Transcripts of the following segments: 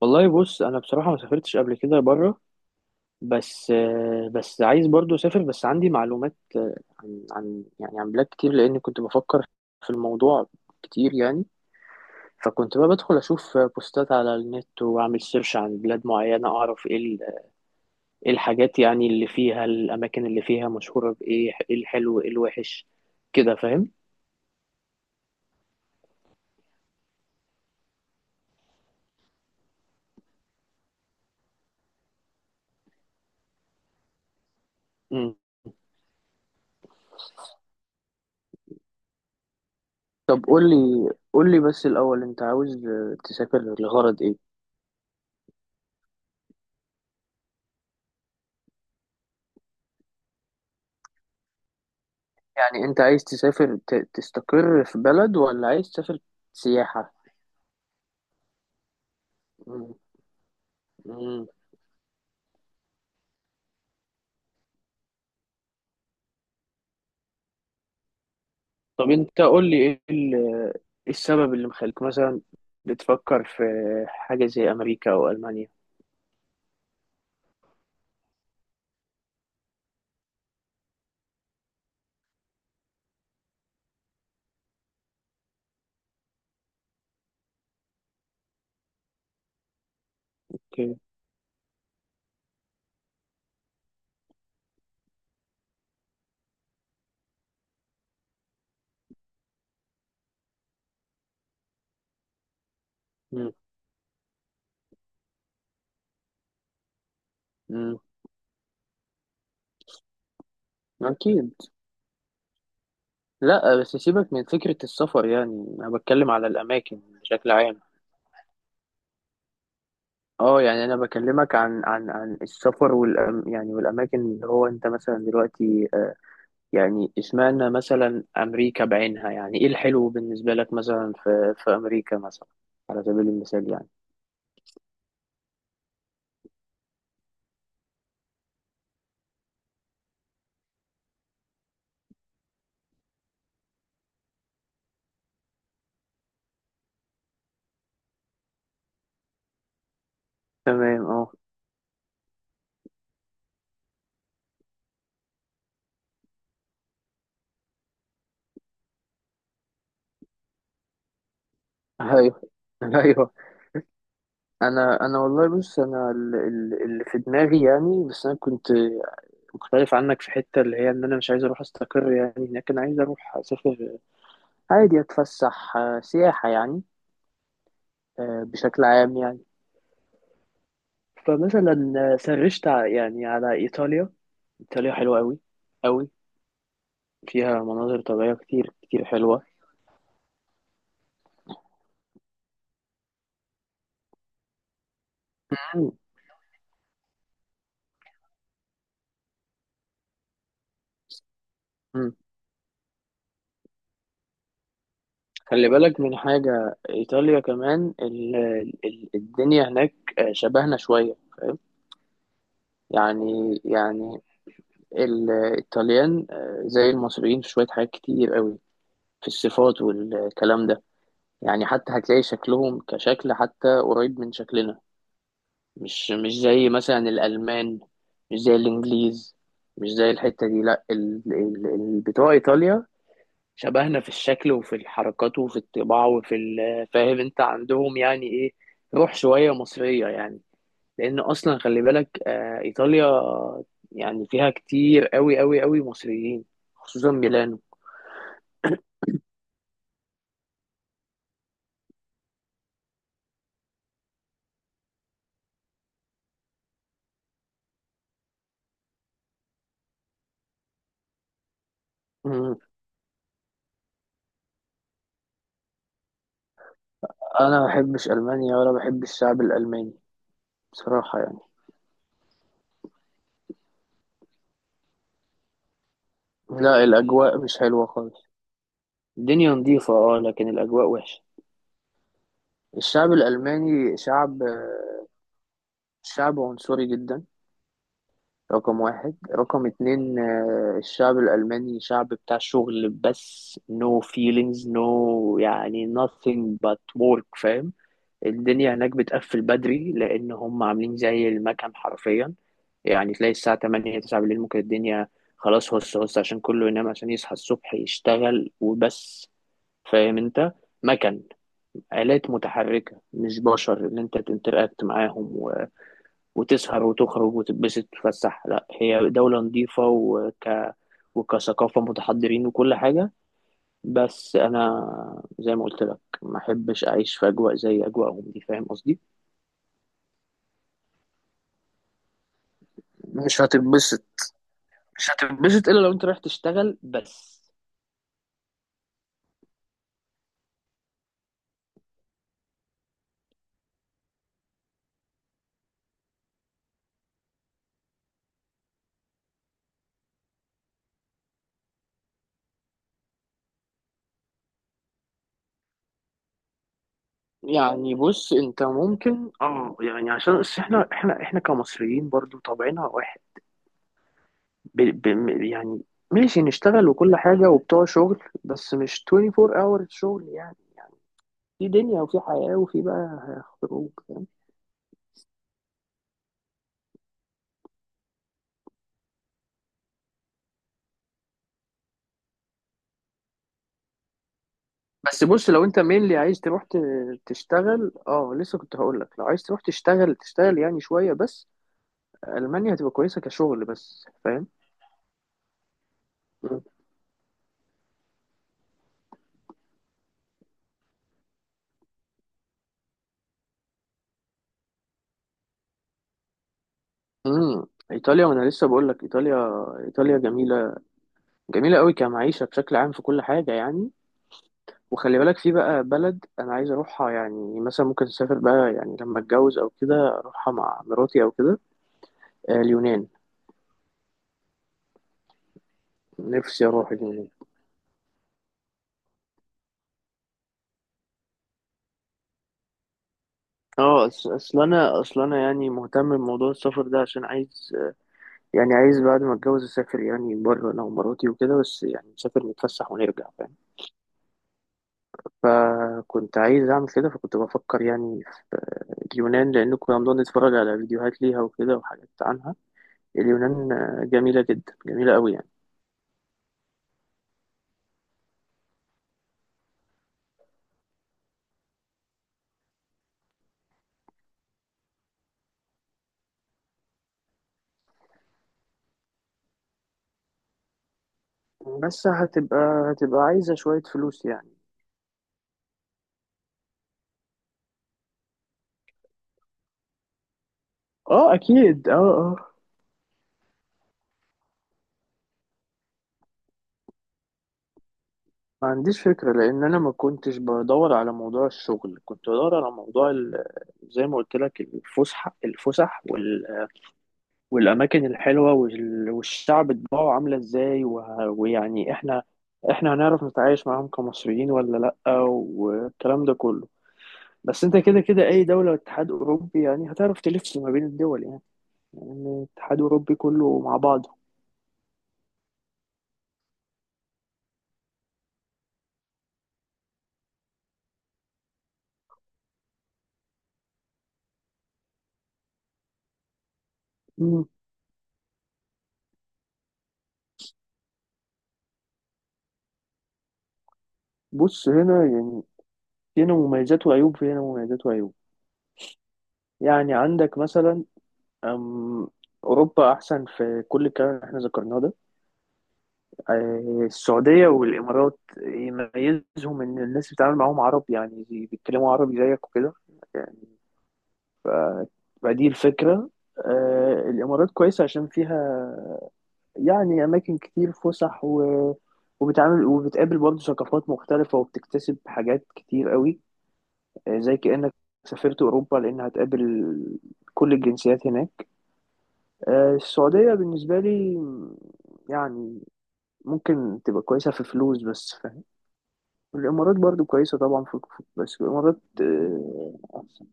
والله بص، انا بصراحه ما سافرتش قبل كده بره. بس عايز برضو اسافر. بس عندي معلومات عن بلاد كتير لان كنت بفكر في الموضوع كتير يعني. فكنت بقى بدخل اشوف بوستات على النت واعمل سيرش عن بلاد معينه اعرف ايه إيه الحاجات، يعني اللي فيها الاماكن اللي فيها مشهوره بايه، ايه الحلو ايه الوحش، كده فاهم. مم. طب قول لي بس الاول، انت عاوز تسافر لغرض ايه؟ يعني انت عايز تسافر، تستقر في بلد ولا عايز تسافر سياحة؟ مم. مم. طب انت قول لي، ايه السبب اللي مخليك مثلا بتفكر في حاجة زي امريكا او المانيا؟ اوكي. مم. مم. اكيد. لا، بس سيبك من فكرة السفر، يعني انا بتكلم على الاماكن بشكل عام. اه، يعني انا بكلمك عن السفر يعني والاماكن اللي هو انت مثلا دلوقتي، يعني اشمعنى مثلا أمريكا بعينها؟ يعني إيه الحلو بالنسبة لك مثلا في أمريكا مثلا، على سبيل المثال يعني. تمام، اه. ايوه، ايوه. انا والله بص، انا اللي في دماغي يعني، بس انا كنت مختلف عنك في حته اللي هي ان انا مش عايز اروح استقر يعني هناك، انا عايز اروح اسافر عادي، اتفسح سياحه يعني، بشكل عام يعني. فمثلا سرشت يعني على ايطاليا. ايطاليا حلوه قوي، فيها مناظر طبيعية كتير كتير حلوة. مم. مم. خلي بالك من حاجة، إيطاليا كمان ال ال الدنيا هناك، شبهنا شوية، فاهم؟ يعني الإيطاليان زي المصريين في شوية حاجات كتير قوي، في الصفات والكلام ده. يعني حتى هتلاقي شكلهم كشكل حتى قريب من شكلنا. مش زي مثلا الألمان، مش زي الإنجليز، مش زي الحتة دي، لا بتوع إيطاليا شبهنا في الشكل وفي الحركات وفي الطباع وفي فاهم انت عندهم يعني ايه؟ روح شوية مصرية يعني. لان اصلا خلي بالك، ايطاليا يعني فيها كتير قوي قوي قوي مصريين، خصوصا ميلانو. مم. انا ما بحبش المانيا ولا بحب الشعب الالماني، بصراحة يعني. لا، الاجواء مش حلوة خالص. الدنيا نظيفة اه لكن الاجواء وحشة. الشعب الالماني شعب عنصري جدا. رقم واحد، رقم اتنين، الشعب الألماني شعب بتاع شغل بس، no feelings، no. يعني nothing but work، فاهم. الدنيا هناك بتقفل بدري لأن هم عاملين زي المكن حرفيا. يعني تلاقي الساعة 8 9 بالليل ممكن الدنيا خلاص هص هص، عشان كله ينام عشان يصحى الصبح يشتغل وبس، فاهم انت؟ مكن، آلات متحركة، مش بشر اللي انت تنتراكت معاهم وتسهر وتخرج وتتبسط وتتفسح. لا، هي دولة نظيفة وكثقافة متحضرين وكل حاجة، بس أنا زي ما قلت لك ما أحبش أعيش في أجواء زي أجواءهم دي، فاهم قصدي؟ مش هتتبسط، مش هتتبسط إلا لو أنت رايح تشتغل بس. يعني بص، أنت ممكن يعني، عشان بس إحنا، إحنا كمصريين برضو طبعنا واحد، يعني ماشي، نشتغل وكل حاجة وبتوع شغل، بس مش 24 hours شغل يعني، في دنيا وفي حياة وفي بقى خروج، فاهم؟ بس بص، لو انت مينلي عايز تروح تشتغل، اه لسه كنت هقول لك، لو عايز تروح تشتغل تشتغل يعني شويه بس، المانيا هتبقى كويسه كشغل بس، فاهم. مم. امم ايطاليا. وانا لسه بقول لك ايطاليا، ايطاليا جميله، جميله قوي كمعيشه بشكل عام في كل حاجه يعني. وخلي بالك في بقى بلد انا عايز اروحها، يعني مثلا ممكن اسافر بقى يعني لما اتجوز او كده اروحها مع مراتي او كده، اليونان. نفسي اروح اليونان. اه، اصل انا يعني مهتم بموضوع السفر ده عشان عايز، يعني عايز بعد ما اتجوز اسافر يعني بره انا ومراتي وكده، بس يعني نسافر نتفسح ونرجع، فاهم. فكنت عايز اعمل كده، فكنت بفكر يعني في اليونان لان كنا بنقعد نتفرج على فيديوهات ليها وكده وحاجات عنها. اليونان جميلة جدا، جميلة قوي يعني. بس هتبقى عايزة شوية فلوس يعني. اه اكيد، اه اه. ما عنديش فكرة، لأن أنا ما كنتش بدور على موضوع الشغل، كنت بدور على موضوع زي ما قلت لك، الفسح الفسح والأماكن الحلوة والشعب طباعه عاملة إزاي ويعني إحنا هنعرف نتعايش معاهم كمصريين ولا لأ، والكلام ده كله. بس أنت كده كده أي دولة اتحاد أوروبي يعني هتعرف تلف ما بين الدول يعني، يعني الاتحاد الأوروبي كله مع بعضه. مم. بص، هنا يعني، هنا مميزات وعيوب، هنا مميزات وعيوب، يعني عندك مثلا، أم أوروبا أحسن في كل الكلام اللي احنا ذكرناه ده. السعودية والإمارات يميزهم إن الناس بتتعامل معاهم عربي، يعني بيتكلموا عربي زيك وكده، يعني فدي الفكرة. الإمارات كويسة عشان فيها يعني أماكن كتير فسح وبتعامل وبتقابل برضه ثقافات مختلفة وبتكتسب حاجات كتير قوي، زي كأنك سافرت أوروبا لأن هتقابل كل الجنسيات هناك. السعودية بالنسبة لي يعني ممكن تبقى كويسة في فلوس بس، فاهم. الإمارات برضو كويسة طبعا في بس الإمارات أحسن.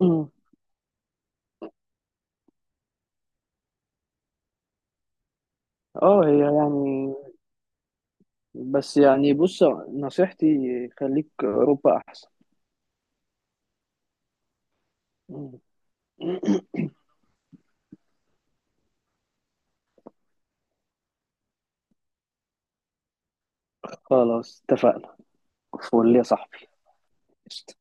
مم. اه هي يعني، بس يعني بص، نصيحتي خليك أوروبا أحسن. مم. خلاص اتفقنا. فول يا صاحبي. قشطة.